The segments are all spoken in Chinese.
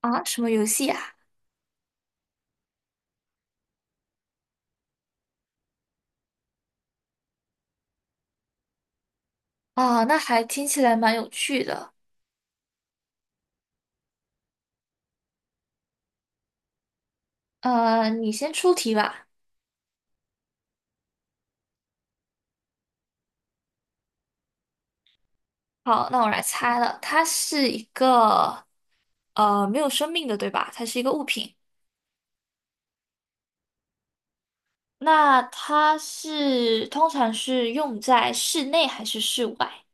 啊，什么游戏呀？啊，哦那还听起来蛮有趣的。你先出题吧。好，那我来猜了，它是一个没有生命的，对吧？它是一个物品。那它是通常是用在室内还是室外？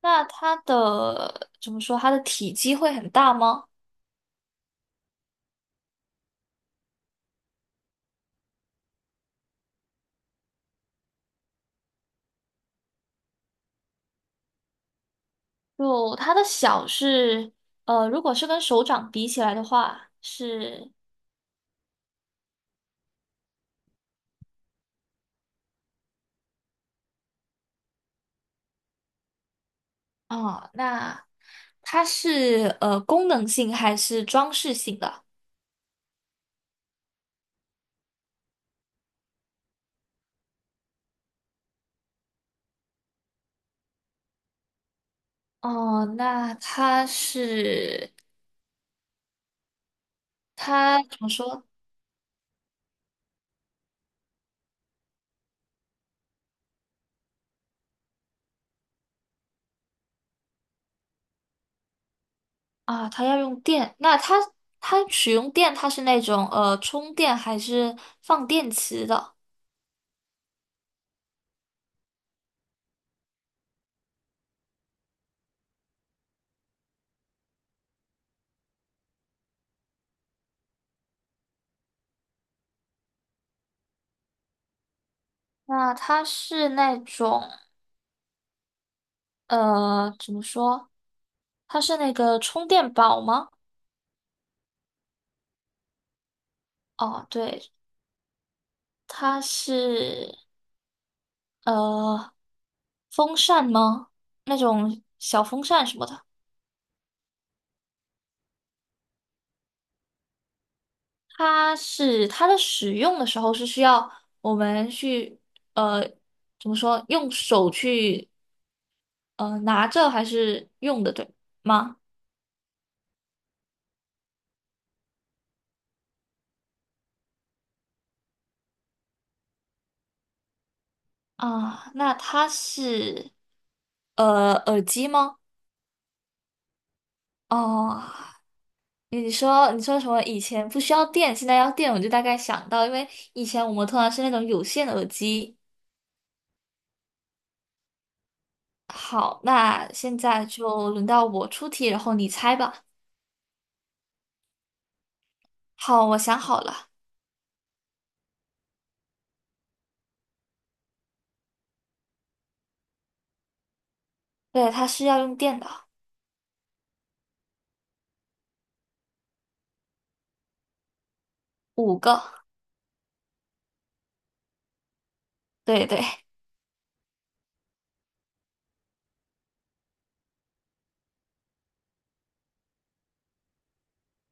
那它的怎么说？它的体积会很大吗？就它的小是如果是跟手掌比起来的话，是哦，那它是功能性还是装饰性的？哦，那它是它怎么说啊？它要用电，那它使用电，它是那种充电还是放电池的？那它是那种怎么说？它是那个充电宝吗？哦，对，它是呃风扇吗？那种小风扇什么的。它是它的使用的时候是需要我们去呃怎么说用手去拿着还是用的对吗？啊，那它是耳机吗？哦，你说什么？以前不需要电，现在要电，我就大概想到，因为以前我们通常是那种有线耳机。好，那现在就轮到我出题，然后你猜吧。好，我想好了，对，它是要用电的，五个。对，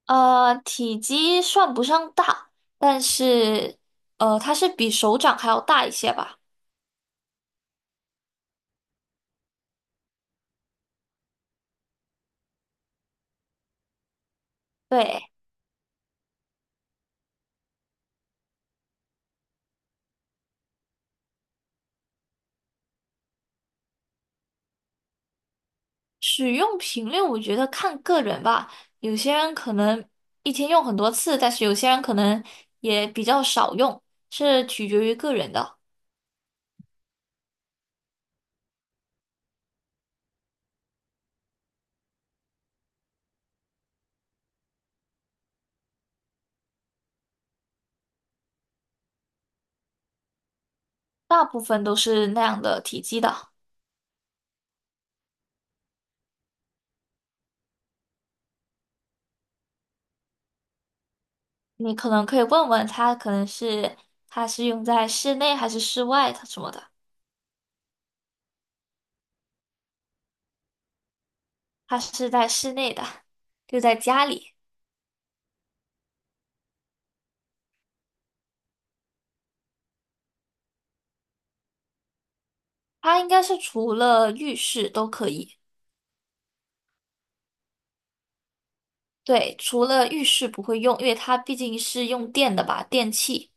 体积算不上大，但是它是比手掌还要大一些吧。对，使用频率我觉得看个人吧，有些人可能一天用很多次，但是有些人可能也比较少用，是取决于个人的。大部分都是那样的体积的，你可能可以问问他，可能是它是用在室内还是室外，的什么的，它是在室内的，就在家里。它应该是除了浴室都可以，对，除了浴室不会用，因为它毕竟是用电的吧，电器。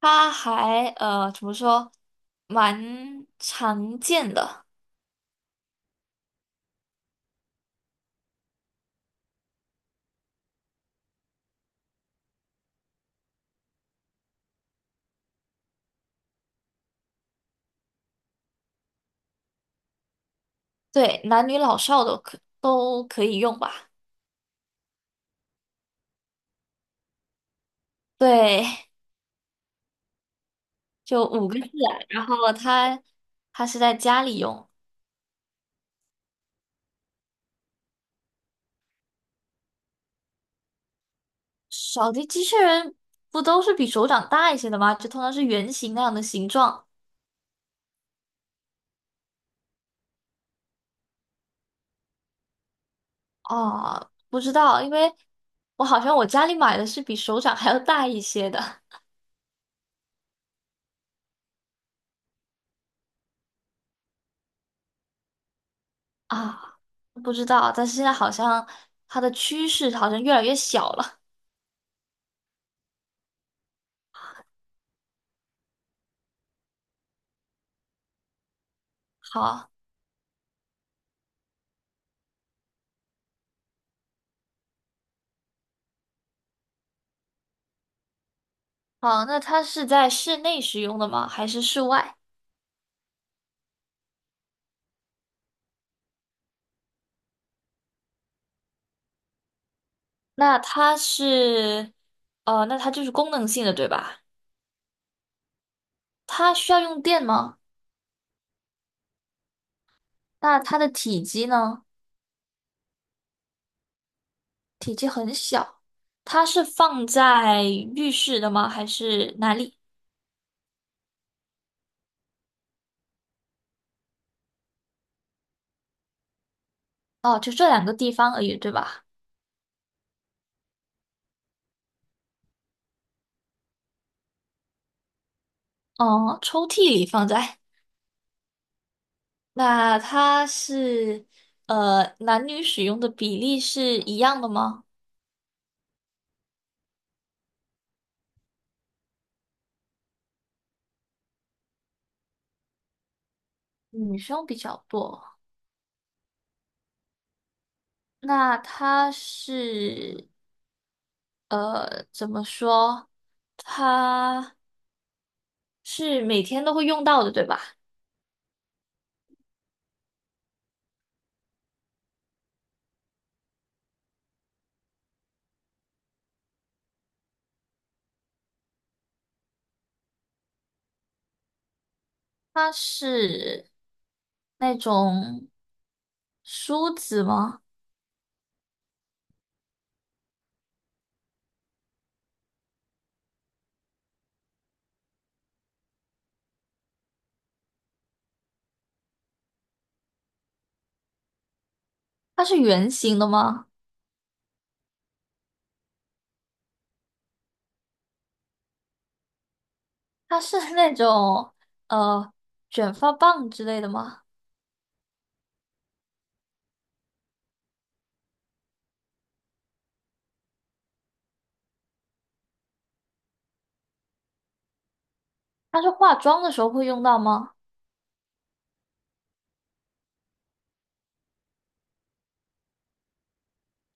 它还怎么说，蛮常见的，对，男女老少都可以用吧。对，就五个字啊然后它是在家里用，扫地机器人不都是比手掌大一些的吗？就通常是圆形那样的形状。哦，不知道，因为我好像我家里买的是比手掌还要大一些的 啊，不知道，但是现在好像它的趋势好像越来越小了。好，好，那它是在室内使用的吗？还是室外？那它是，那它就是功能性的，对吧？它需要用电吗？那它的体积呢？它是放在浴室的吗？还是哪里？哦，就这两个地方而已，对吧？哦，抽屉里放在。那它是男女使用的比例是一样的吗？女生比较多。那它是怎么说？它是每天都会用到的，对吧？它是那种梳子吗？它是圆形的吗？它是 那种呃卷发棒之类的吗？它是化妆的时候会用到吗？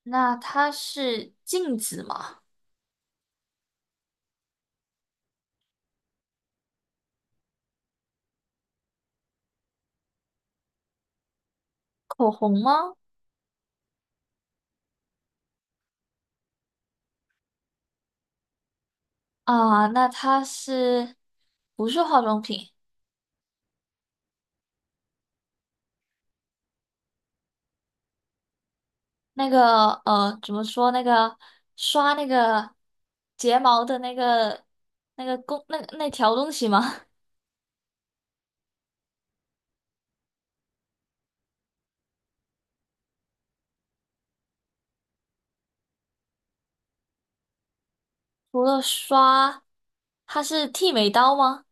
那它是镜子吗？口红吗？啊，那它是不是化妆品？那个怎么说？那个刷那个睫毛的那个那个工那条东西吗？除了刷，它是剃眉刀吗？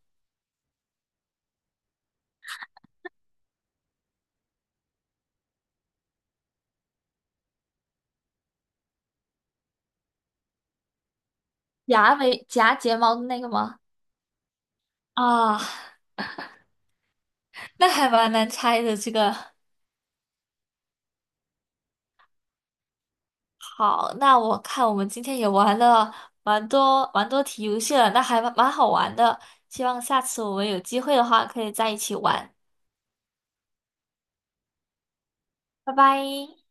夹眉夹睫毛的那个吗？啊，那还蛮难猜的这个。好，那我看我们今天也玩了蛮多题游戏了，那还蛮好玩的。希望下次我们有机会的话，可以在一起玩。拜拜。